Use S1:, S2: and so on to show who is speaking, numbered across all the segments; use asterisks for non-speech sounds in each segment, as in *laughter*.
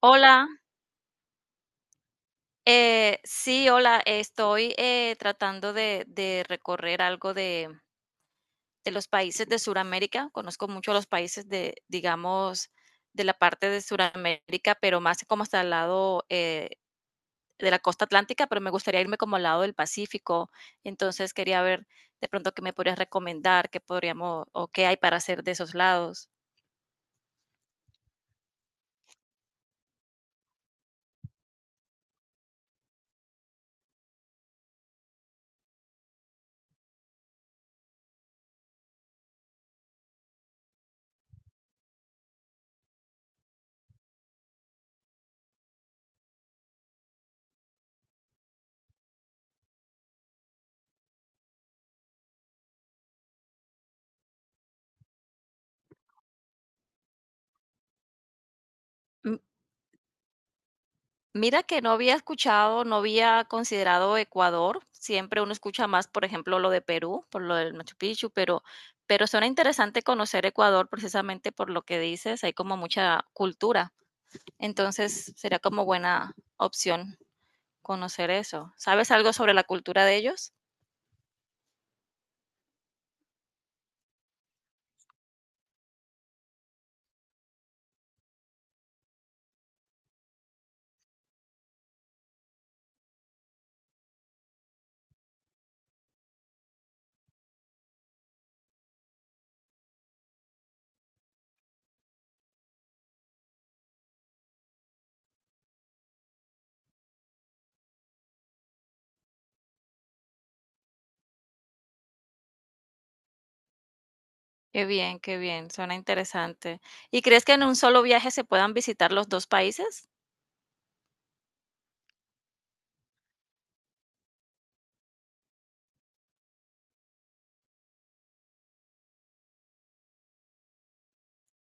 S1: Hola, sí, hola, estoy tratando de recorrer algo de los países de Sudamérica. Conozco mucho los países de, digamos, de la parte de Sudamérica, pero más como hasta el lado de la costa atlántica, pero me gustaría irme como al lado del Pacífico. Entonces quería ver de pronto qué me podrías recomendar, qué podríamos o qué hay para hacer de esos lados. Mira que no había escuchado, no había considerado Ecuador. Siempre uno escucha más, por ejemplo, lo de Perú, por lo del Machu Picchu, pero suena interesante conocer Ecuador precisamente por lo que dices, hay como mucha cultura. Entonces, sería como buena opción conocer eso. ¿Sabes algo sobre la cultura de ellos? Qué bien, suena interesante. ¿Y crees que en un solo viaje se puedan visitar los dos países?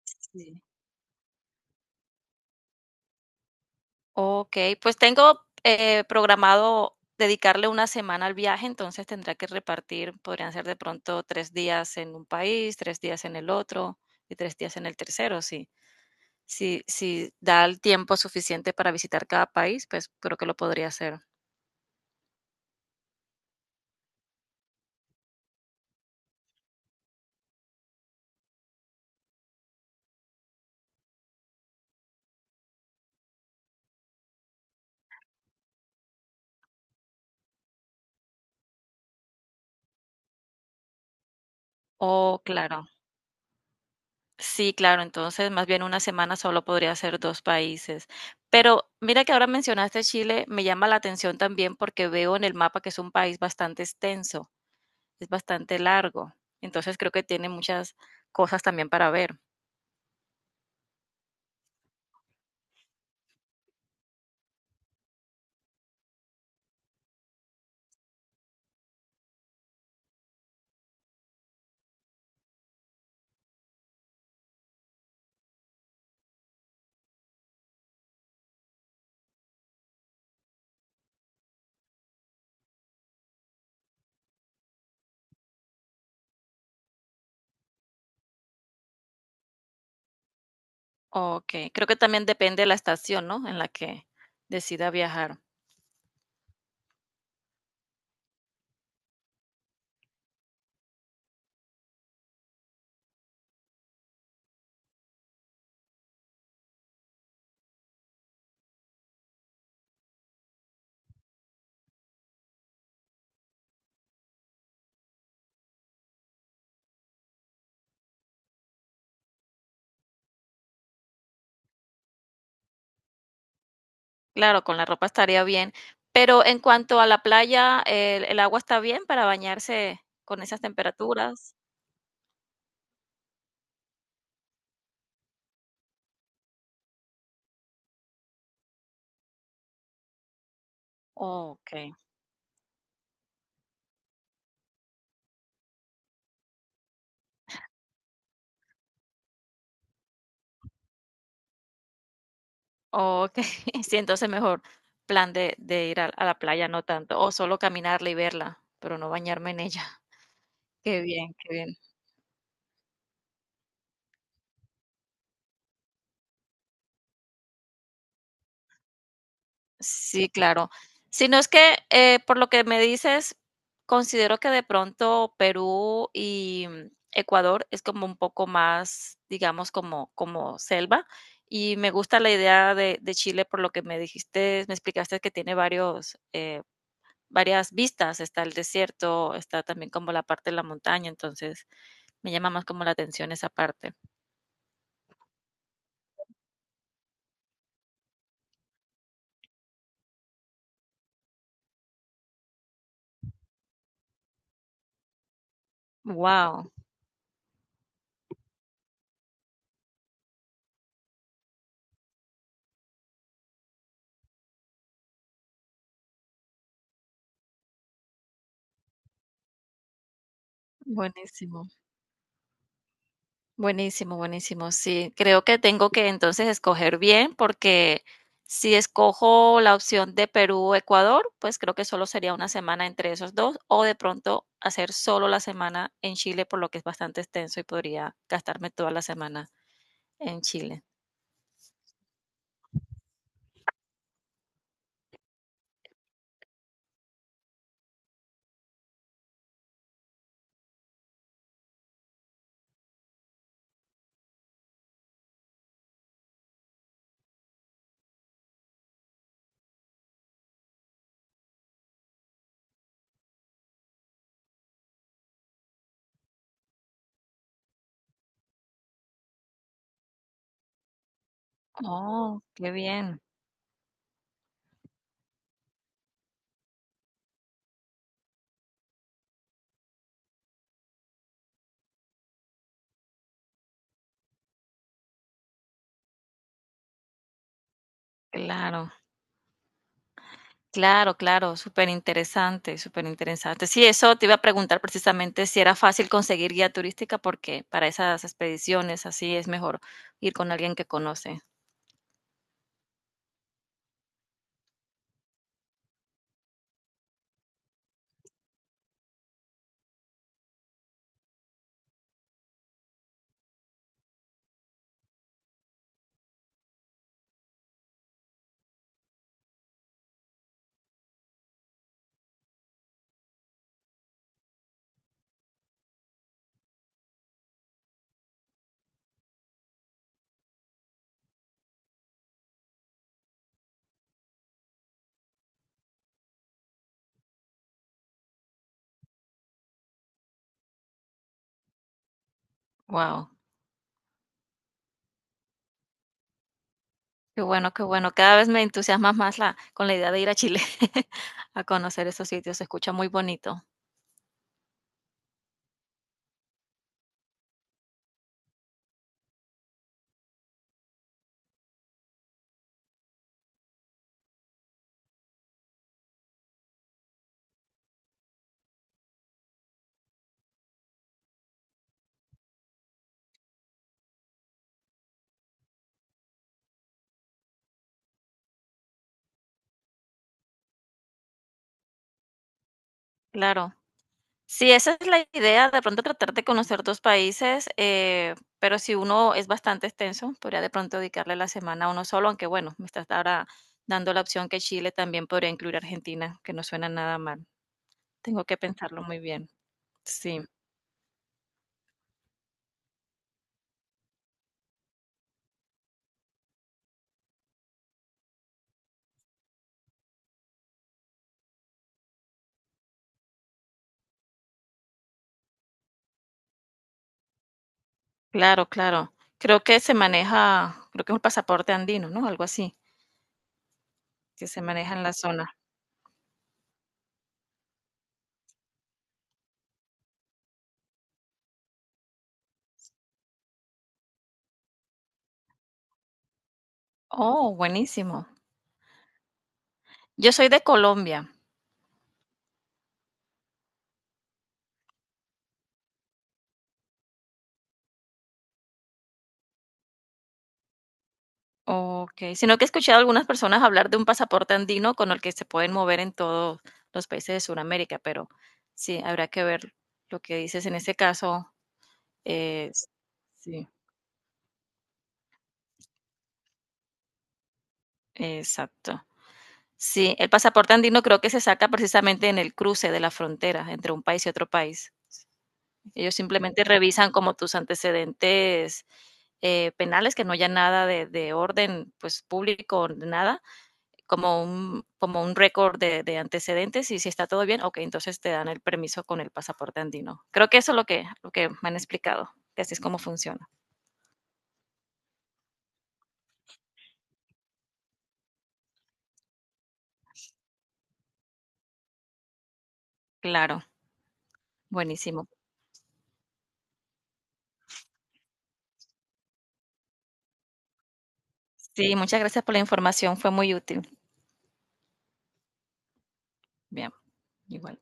S1: Sí. Okey, pues tengo, programado dedicarle una semana al viaje, entonces tendrá que repartir, podrían ser de pronto 3 días en un país, 3 días en el otro y 3 días en el tercero. Si si da el tiempo suficiente para visitar cada país, pues creo que lo podría hacer. Oh, claro. Sí, claro, entonces más bien una semana solo podría ser 2 países. Pero mira que ahora mencionaste Chile, me llama la atención también porque veo en el mapa que es un país bastante extenso, es bastante largo. Entonces creo que tiene muchas cosas también para ver. Okey, creo que también depende de la estación, ¿no?, en la que decida viajar. Claro, con la ropa estaría bien, pero en cuanto a la playa, ¿el agua está bien para bañarse con esas temperaturas? Okey, okey. *laughs* Sí, entonces mejor plan de ir a la playa, no tanto, o solo caminarla y verla, pero no bañarme en ella. *laughs* Qué bien, qué bien. Sí, claro. Si no es que, por lo que me dices, considero que de pronto Perú y Ecuador es como un poco más, digamos, como, como selva. Y me gusta la idea de Chile por lo que me dijiste, me explicaste que tiene varios, varias vistas. Está el desierto, está también como la parte de la montaña, entonces me llama más como la atención esa parte. Wow, buenísimo. Buenísimo, buenísimo. Sí, creo que tengo que entonces escoger bien porque si escojo la opción de Perú-Ecuador, o Ecuador, pues creo que solo sería una semana entre esos dos o de pronto hacer solo la semana en Chile, por lo que es bastante extenso y podría gastarme toda la semana en Chile. Oh, qué bien. Claro. Claro, claro, súper interesante, superinteresante, interesante. Sí, eso te iba a preguntar precisamente si era fácil conseguir guía turística, porque para esas expediciones así es mejor ir con alguien que conoce. Wow, qué bueno, qué bueno. Cada vez me entusiasmas más la, con la idea de ir a Chile *laughs* a conocer esos sitios. Se escucha muy bonito. Claro. Sí, esa es la idea, de pronto tratar de conocer 2 países, pero si uno es bastante extenso, podría de pronto dedicarle la semana a uno solo, aunque bueno, me estás ahora dando la opción que Chile también podría incluir Argentina, que no suena nada mal. Tengo que pensarlo muy bien. Sí, claro, claro. Creo que se maneja, creo que es un pasaporte andino, ¿no? Algo así, que se maneja en la zona. Oh, buenísimo. Yo soy de Colombia. Ok, sino que he escuchado a algunas personas hablar de un pasaporte andino con el que se pueden mover en todos los países de Sudamérica, pero sí, habrá que ver lo que dices en ese caso, es sí, exacto. Sí, el pasaporte andino creo que se saca precisamente en el cruce de la frontera entre un país y otro país. Ellos simplemente revisan como tus antecedentes, penales, que no haya nada de orden, pues, público, nada, como un récord de, antecedentes y si está todo bien, ok, entonces te dan el permiso con el pasaporte andino. Creo que eso es lo que me han explicado, que así es como funciona. Claro, buenísimo. Sí, muchas gracias por la información, fue muy útil. Bien, igual.